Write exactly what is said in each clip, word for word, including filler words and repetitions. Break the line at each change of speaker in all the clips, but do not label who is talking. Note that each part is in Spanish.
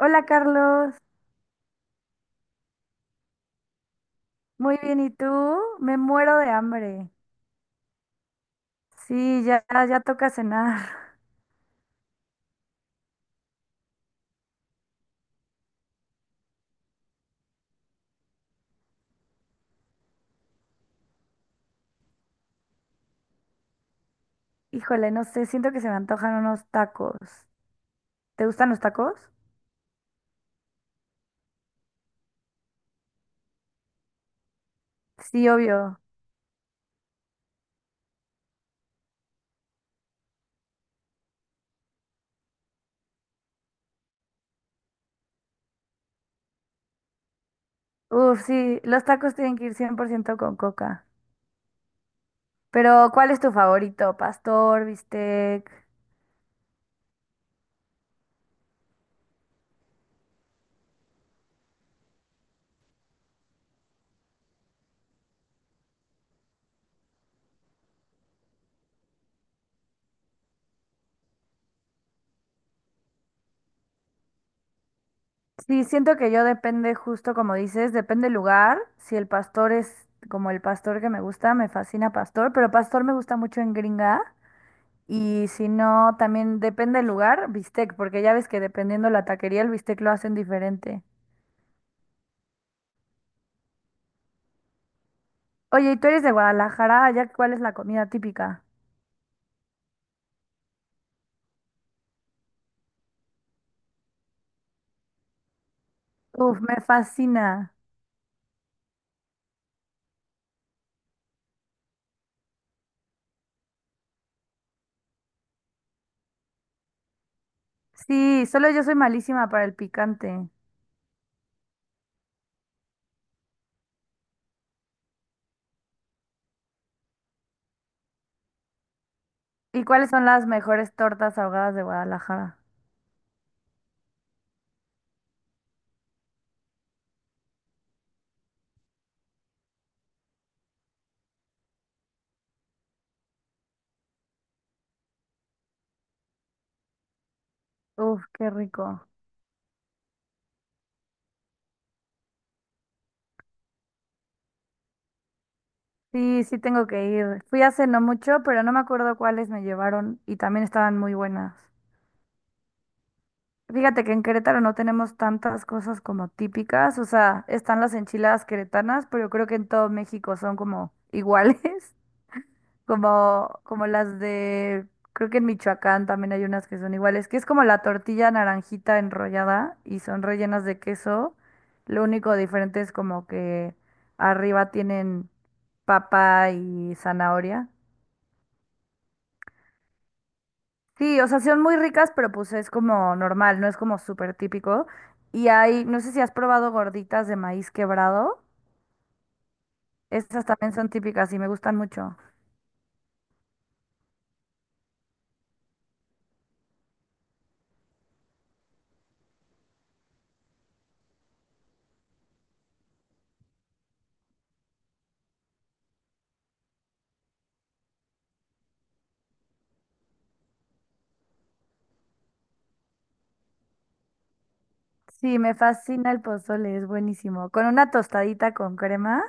Hola Carlos, muy bien, ¿y tú? Me muero de hambre. Sí, ya, ya toca cenar. Híjole, no sé, siento que se me antojan unos tacos. ¿Te gustan los tacos? Sí, obvio. Uf, sí, los tacos tienen que ir cien por ciento con coca. Pero, ¿cuál es tu favorito? ¿Pastor, bistec? Sí, siento que yo depende, justo como dices, depende el lugar. Si el pastor es como el pastor que me gusta, me fascina pastor, pero pastor me gusta mucho en gringa. Y si no, también depende del lugar, bistec, porque ya ves que dependiendo la taquería, el bistec lo hacen diferente. Oye, ¿y tú eres de Guadalajara? ¿Allá cuál es la comida típica? Uf, me fascina. Sí, solo yo soy malísima para el picante. ¿Y cuáles son las mejores tortas ahogadas de Guadalajara? Uf, qué rico. Sí, sí tengo que ir. Fui hace no mucho, pero no me acuerdo cuáles me llevaron y también estaban muy buenas. Fíjate que en Querétaro no tenemos tantas cosas como típicas, o sea, están las enchiladas queretanas, pero yo creo que en todo México son como iguales, como, como las de, creo que en Michoacán también hay unas que son iguales, que es como la tortilla naranjita enrollada y son rellenas de queso. Lo único diferente es como que arriba tienen papa y zanahoria. Sí, o sea, son muy ricas, pero pues es como normal, no es como súper típico. Y hay, no sé si has probado gorditas de maíz quebrado. Estas también son típicas y me gustan mucho. Sí, me fascina el pozole, es buenísimo. Con una tostadita con crema,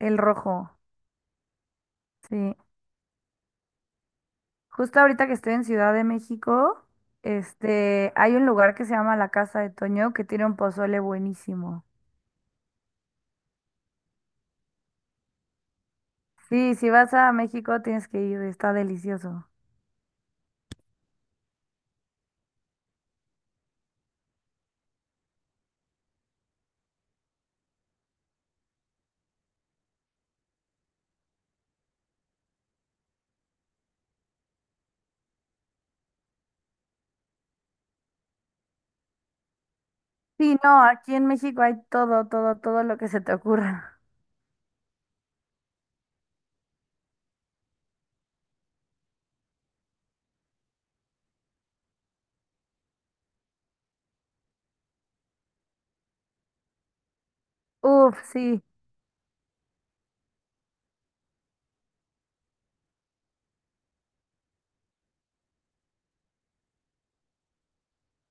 el rojo. Sí. Justo ahorita que estoy en Ciudad de México, este, hay un lugar que se llama La Casa de Toño que tiene un pozole buenísimo. Sí, si vas a México tienes que ir, está delicioso. Sí, no, aquí en México hay todo, todo, todo lo que se te ocurra. Uf, sí,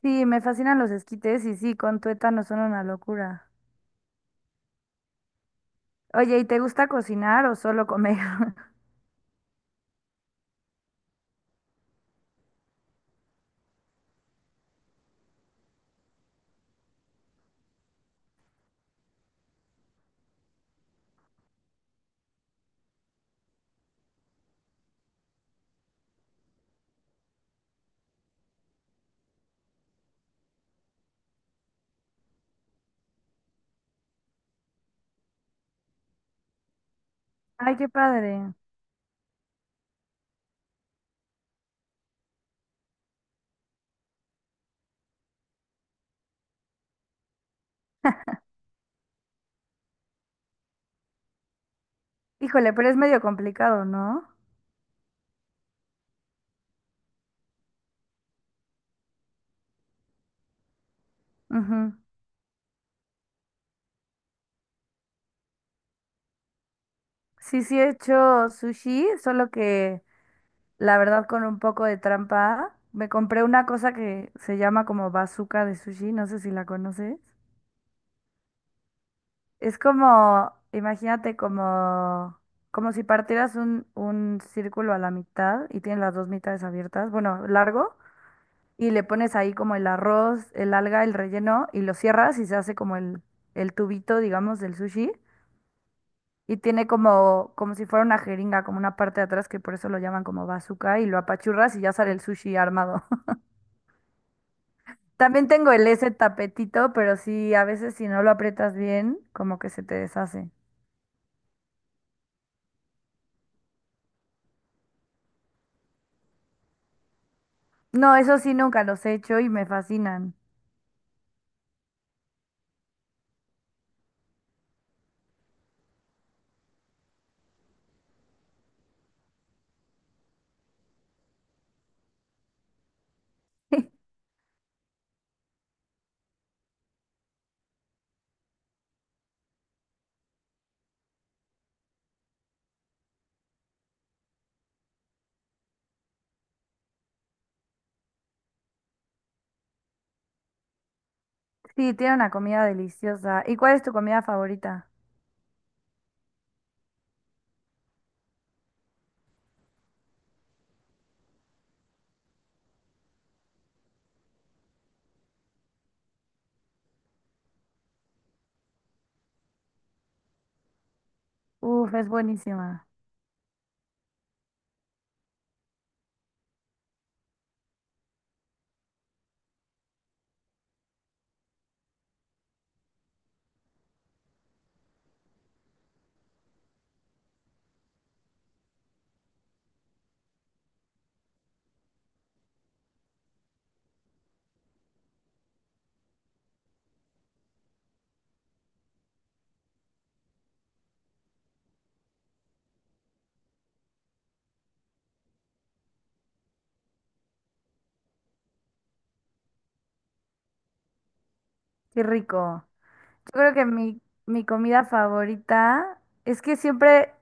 sí, me fascinan los esquites y sí, con tuétano son una locura. Oye, ¿y te gusta cocinar o solo comer? Ay, qué padre. Híjole, pero es medio complicado, ¿no? Ujú. Sí, sí he hecho sushi, solo que la verdad con un poco de trampa. Me compré una cosa que se llama como bazooka de sushi, no sé si la conoces. Es como, imagínate como, como si partieras un, un círculo a la mitad y tienes las dos mitades abiertas, bueno, largo, y le pones ahí como el arroz, el alga, el relleno, y lo cierras y se hace como el, el tubito, digamos, del sushi. Y tiene como, como si fuera una jeringa, como una parte de atrás, que por eso lo llaman como bazooka, y lo apachurras y ya sale el sushi armado. También tengo el ese tapetito, pero sí, a veces si no lo aprietas bien, como que se te deshace. No, eso sí nunca los he hecho y me fascinan. Sí, tiene una comida deliciosa. ¿Y cuál es tu comida favorita? Uf, es buenísima. Qué rico. Yo creo que mi, mi comida favorita es que siempre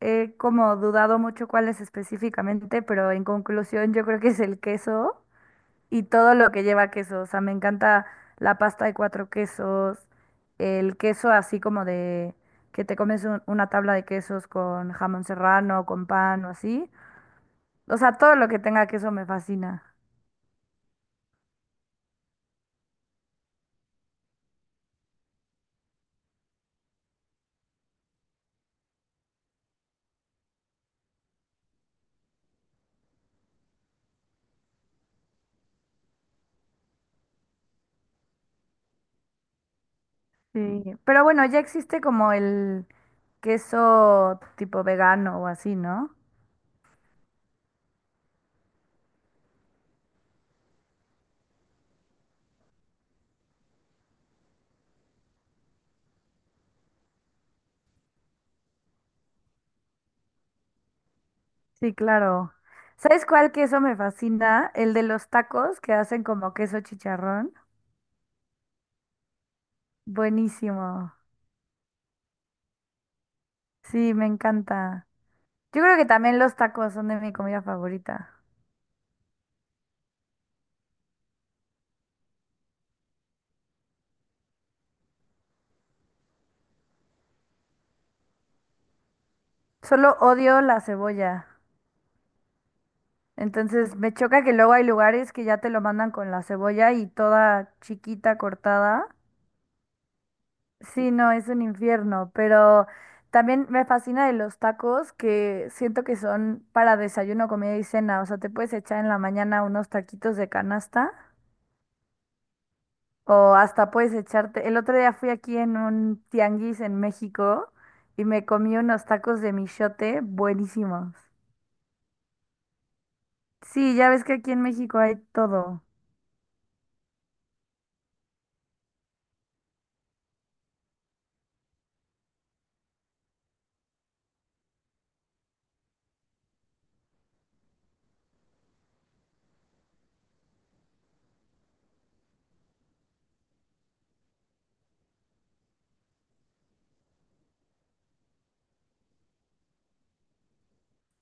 he como dudado mucho cuál es específicamente, pero en conclusión yo creo que es el queso. Y todo lo que lleva queso, o sea, me encanta la pasta de cuatro quesos, el queso así como de que te comes un- una tabla de quesos con jamón serrano, con pan o así. O sea, todo lo que tenga queso me fascina. Sí, pero bueno, ya existe como el queso tipo vegano o así, ¿no? Sí, claro. ¿Sabes cuál queso me fascina? El de los tacos que hacen como queso chicharrón. Buenísimo. Sí, me encanta. Yo creo que también los tacos son de mi comida favorita. Solo odio la cebolla. Entonces me choca que luego hay lugares que ya te lo mandan con la cebolla y toda chiquita cortada. Sí, no, es un infierno, pero también me fascina de los tacos que siento que son para desayuno, comida y cena. O sea, te puedes echar en la mañana unos taquitos de canasta o hasta puedes echarte... El otro día fui aquí en un tianguis en México y me comí unos tacos de michote buenísimos. Sí, ya ves que aquí en México hay todo.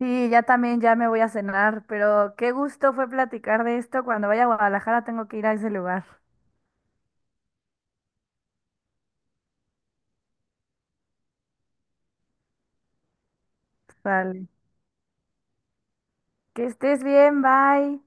Sí, ya también ya me voy a cenar, pero qué gusto fue platicar de esto. Cuando vaya a Guadalajara tengo que ir a ese lugar. Sale. Que estés bien, bye.